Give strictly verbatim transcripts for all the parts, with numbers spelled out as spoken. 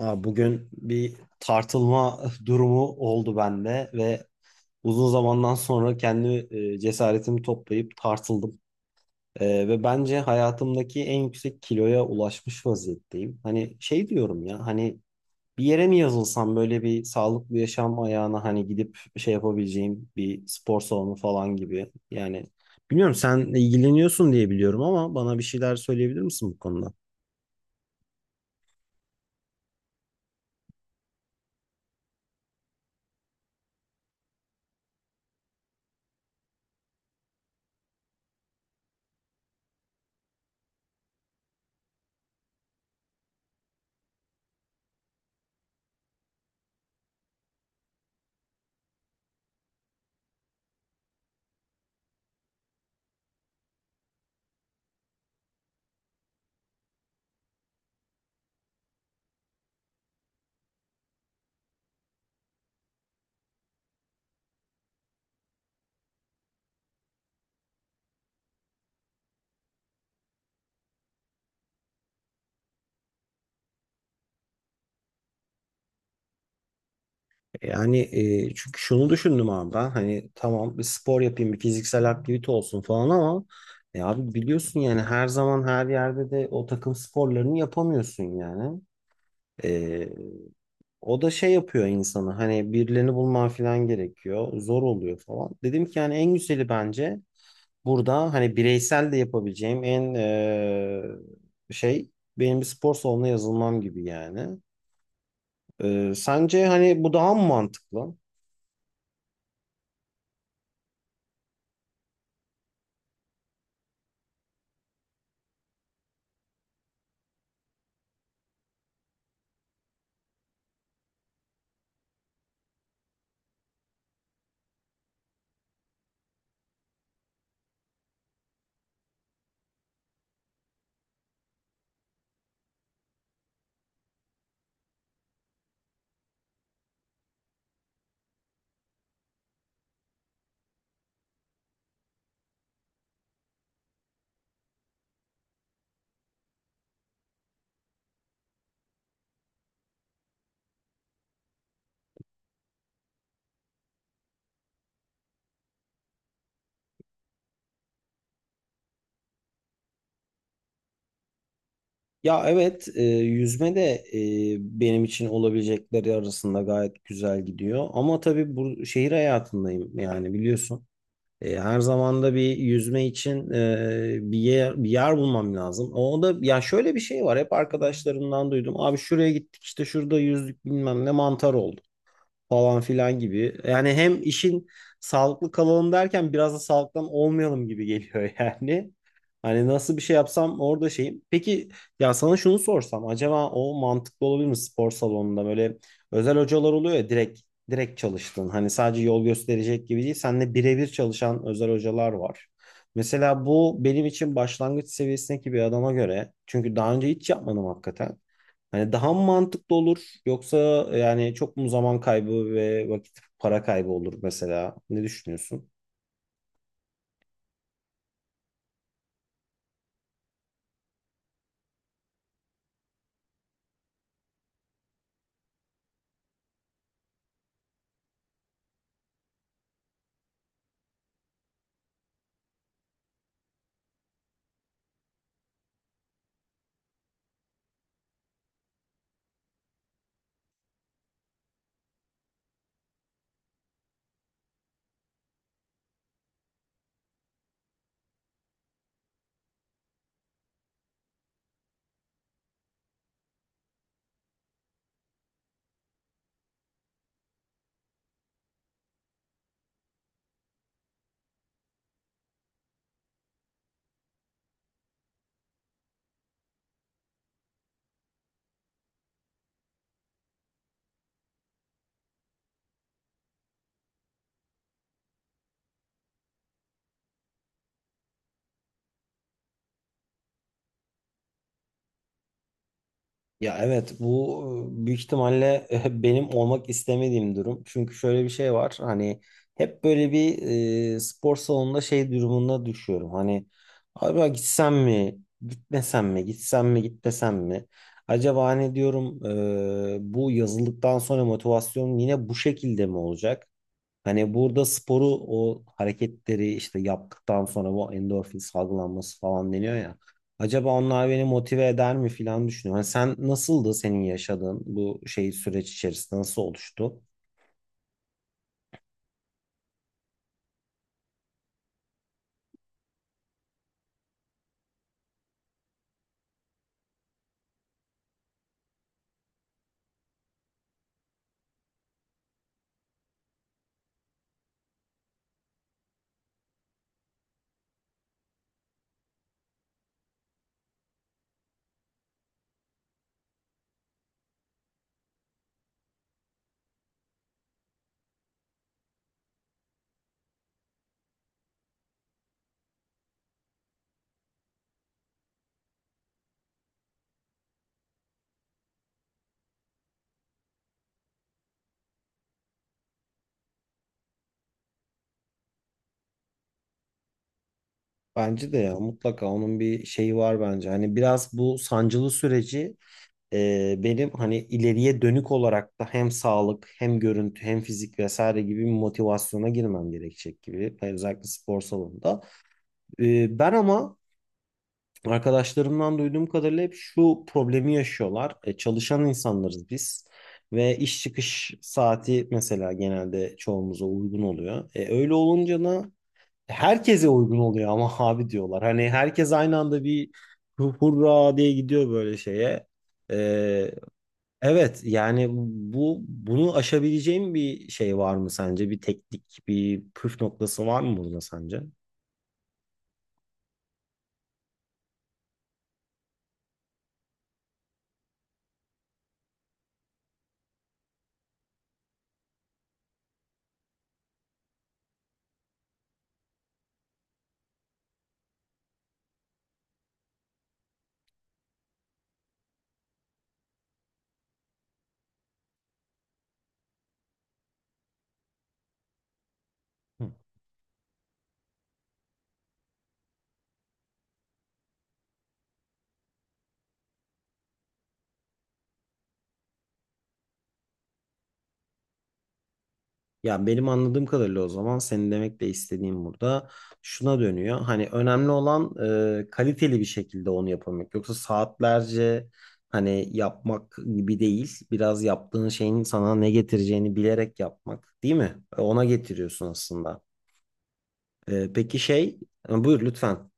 Ha, Bugün bir tartılma durumu oldu bende ve uzun zamandan sonra kendi e, cesaretimi toplayıp tartıldım. E, ve bence hayatımdaki en yüksek kiloya ulaşmış vaziyetteyim. Hani şey diyorum ya, hani bir yere mi yazılsam, böyle bir sağlıklı yaşam ayağına, hani gidip şey yapabileceğim bir spor salonu falan gibi. Yani bilmiyorum, sen ilgileniyorsun diye biliyorum, ama bana bir şeyler söyleyebilir misin bu konuda? Yani e, çünkü şunu düşündüm abi, ben hani tamam bir spor yapayım, bir fiziksel aktivite olsun falan, ama e, abi biliyorsun yani, her zaman her yerde de o takım sporlarını yapamıyorsun yani. E, O da şey yapıyor insanı, hani birilerini bulman falan gerekiyor, zor oluyor falan. Dedim ki yani en güzeli bence burada hani bireysel de yapabileceğim en e, şey, benim bir spor salonuna yazılmam gibi yani. E, sence hani bu daha mı mantıklı? Ya evet, e, yüzme de e, benim için olabilecekleri arasında gayet güzel gidiyor. Ama tabii bu şehir hayatındayım yani, biliyorsun. E, her zaman da bir yüzme için e, bir yer, bir yer bulmam lazım. O da, ya şöyle bir şey var, hep arkadaşlarımdan duydum. Abi şuraya gittik, işte şurada yüzdük, bilmem ne mantar oldu falan filan gibi. Yani hem işin sağlıklı kalalım derken biraz da sağlıktan olmayalım gibi geliyor yani. Hani nasıl bir şey yapsam orada şeyim. Peki ya sana şunu sorsam, acaba o mantıklı olabilir mi, spor salonunda böyle özel hocalar oluyor ya, direkt direkt çalıştın. Hani sadece yol gösterecek gibi değil. Seninle birebir çalışan özel hocalar var. Mesela bu benim için, başlangıç seviyesindeki bir adama göre, çünkü daha önce hiç yapmadım hakikaten. Hani daha mı mantıklı olur yoksa yani çok mu zaman kaybı ve vakit para kaybı olur mesela? Ne düşünüyorsun? Ya evet, bu e, büyük ihtimalle e, benim olmak istemediğim durum. Çünkü şöyle bir şey var, hani hep böyle bir e, spor salonunda şey durumuna düşüyorum. Hani acaba gitsem mi gitmesem mi, gitsem mi gitmesem mi? Acaba hani diyorum e, bu yazıldıktan sonra motivasyon yine bu şekilde mi olacak? Hani burada sporu, o hareketleri işte yaptıktan sonra bu endorfin salgılanması falan deniyor ya. Acaba onlar beni motive eder mi falan düşünüyorum. Hani sen nasıldı, senin yaşadığın bu şey süreç içerisinde nasıl oluştu? Bence de ya mutlaka onun bir şeyi var bence. Hani biraz bu sancılı süreci e, benim hani ileriye dönük olarak da hem sağlık hem görüntü hem fizik vesaire gibi bir motivasyona girmem gerekecek gibi. Hani özellikle spor salonunda. Ee, Ben ama arkadaşlarımdan duyduğum kadarıyla hep şu problemi yaşıyorlar. E, çalışan insanlarız biz ve iş çıkış saati mesela genelde çoğumuza uygun oluyor. E, öyle olunca da herkese uygun oluyor ama abi diyorlar. Hani herkes aynı anda bir hu- hurra diye gidiyor böyle şeye. E, evet yani, bu bunu aşabileceğim bir şey var mı sence? Bir teknik, bir püf noktası var mı burada sence? Ya benim anladığım kadarıyla o zaman senin demek de istediğim burada şuna dönüyor. Hani önemli olan e, kaliteli bir şekilde onu yapabilmek. Yoksa saatlerce hani yapmak gibi değil. Biraz yaptığın şeyin sana ne getireceğini bilerek yapmak, değil mi? E, Ona getiriyorsun aslında. E, peki şey, e, Buyur lütfen.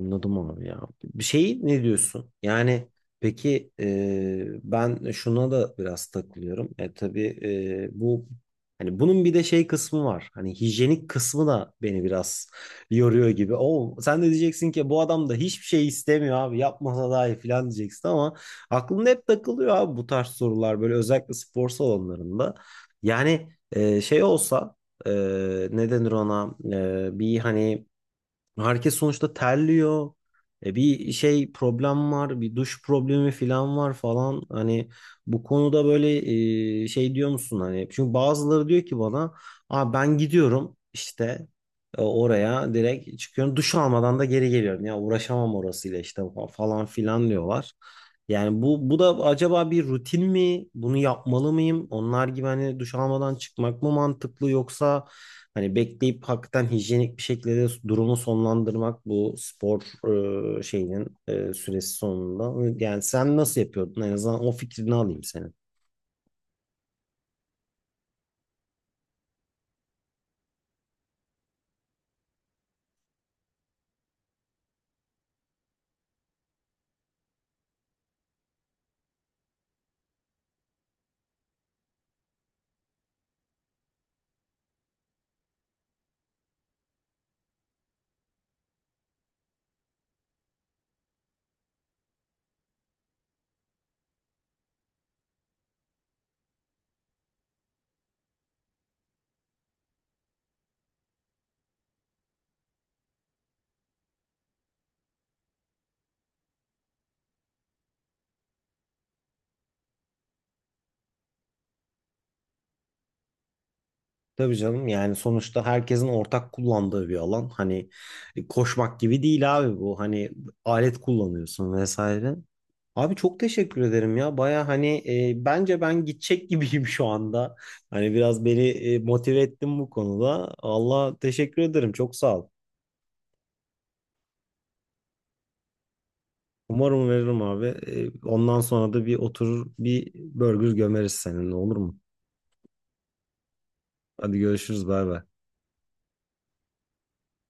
Anladım abi ya. Bir şey, ne diyorsun? Yani peki, e, ben şuna da biraz takılıyorum. E, tabii, e, bu hani bunun bir de şey kısmı var. Hani hijyenik kısmı da beni biraz yoruyor gibi. O sen de diyeceksin ki bu adam da hiçbir şey istemiyor abi, yapmasa daha iyi falan diyeceksin, ama aklımda hep takılıyor abi bu tarz sorular, böyle özellikle spor salonlarında. Yani e, şey olsa e, ne denir ona, E, bir hani, herkes sonuçta terliyor. E bir şey, problem var, bir duş problemi falan var falan. Hani bu konuda böyle e, şey diyor musun hani? Çünkü bazıları diyor ki bana, "Aa, ben gidiyorum işte e, oraya, direkt çıkıyorum. Duş almadan da geri geliyorum. Ya uğraşamam orasıyla işte fa- falan filan" diyorlar. Yani bu bu da acaba bir rutin mi? Bunu yapmalı mıyım? Onlar gibi hani duş almadan çıkmak mı mantıklı, yoksa hani bekleyip hakikaten hijyenik bir şekilde durumu sonlandırmak, bu spor e, şeyinin e, süresi sonunda. Yani sen nasıl yapıyordun? En azından o fikrini alayım senin. Tabii canım, yani sonuçta herkesin ortak kullandığı bir alan. Hani e, koşmak gibi değil abi bu. Hani alet kullanıyorsun vesaire. Abi çok teşekkür ederim ya. Baya hani e, bence ben gidecek gibiyim şu anda. Hani biraz beni e, motive ettin bu konuda. Allah teşekkür ederim. Çok sağ ol. Umarım veririm abi. E, ondan sonra da bir oturur bir burger gömeriz seninle, olur mu? Hadi görüşürüz, bay bay.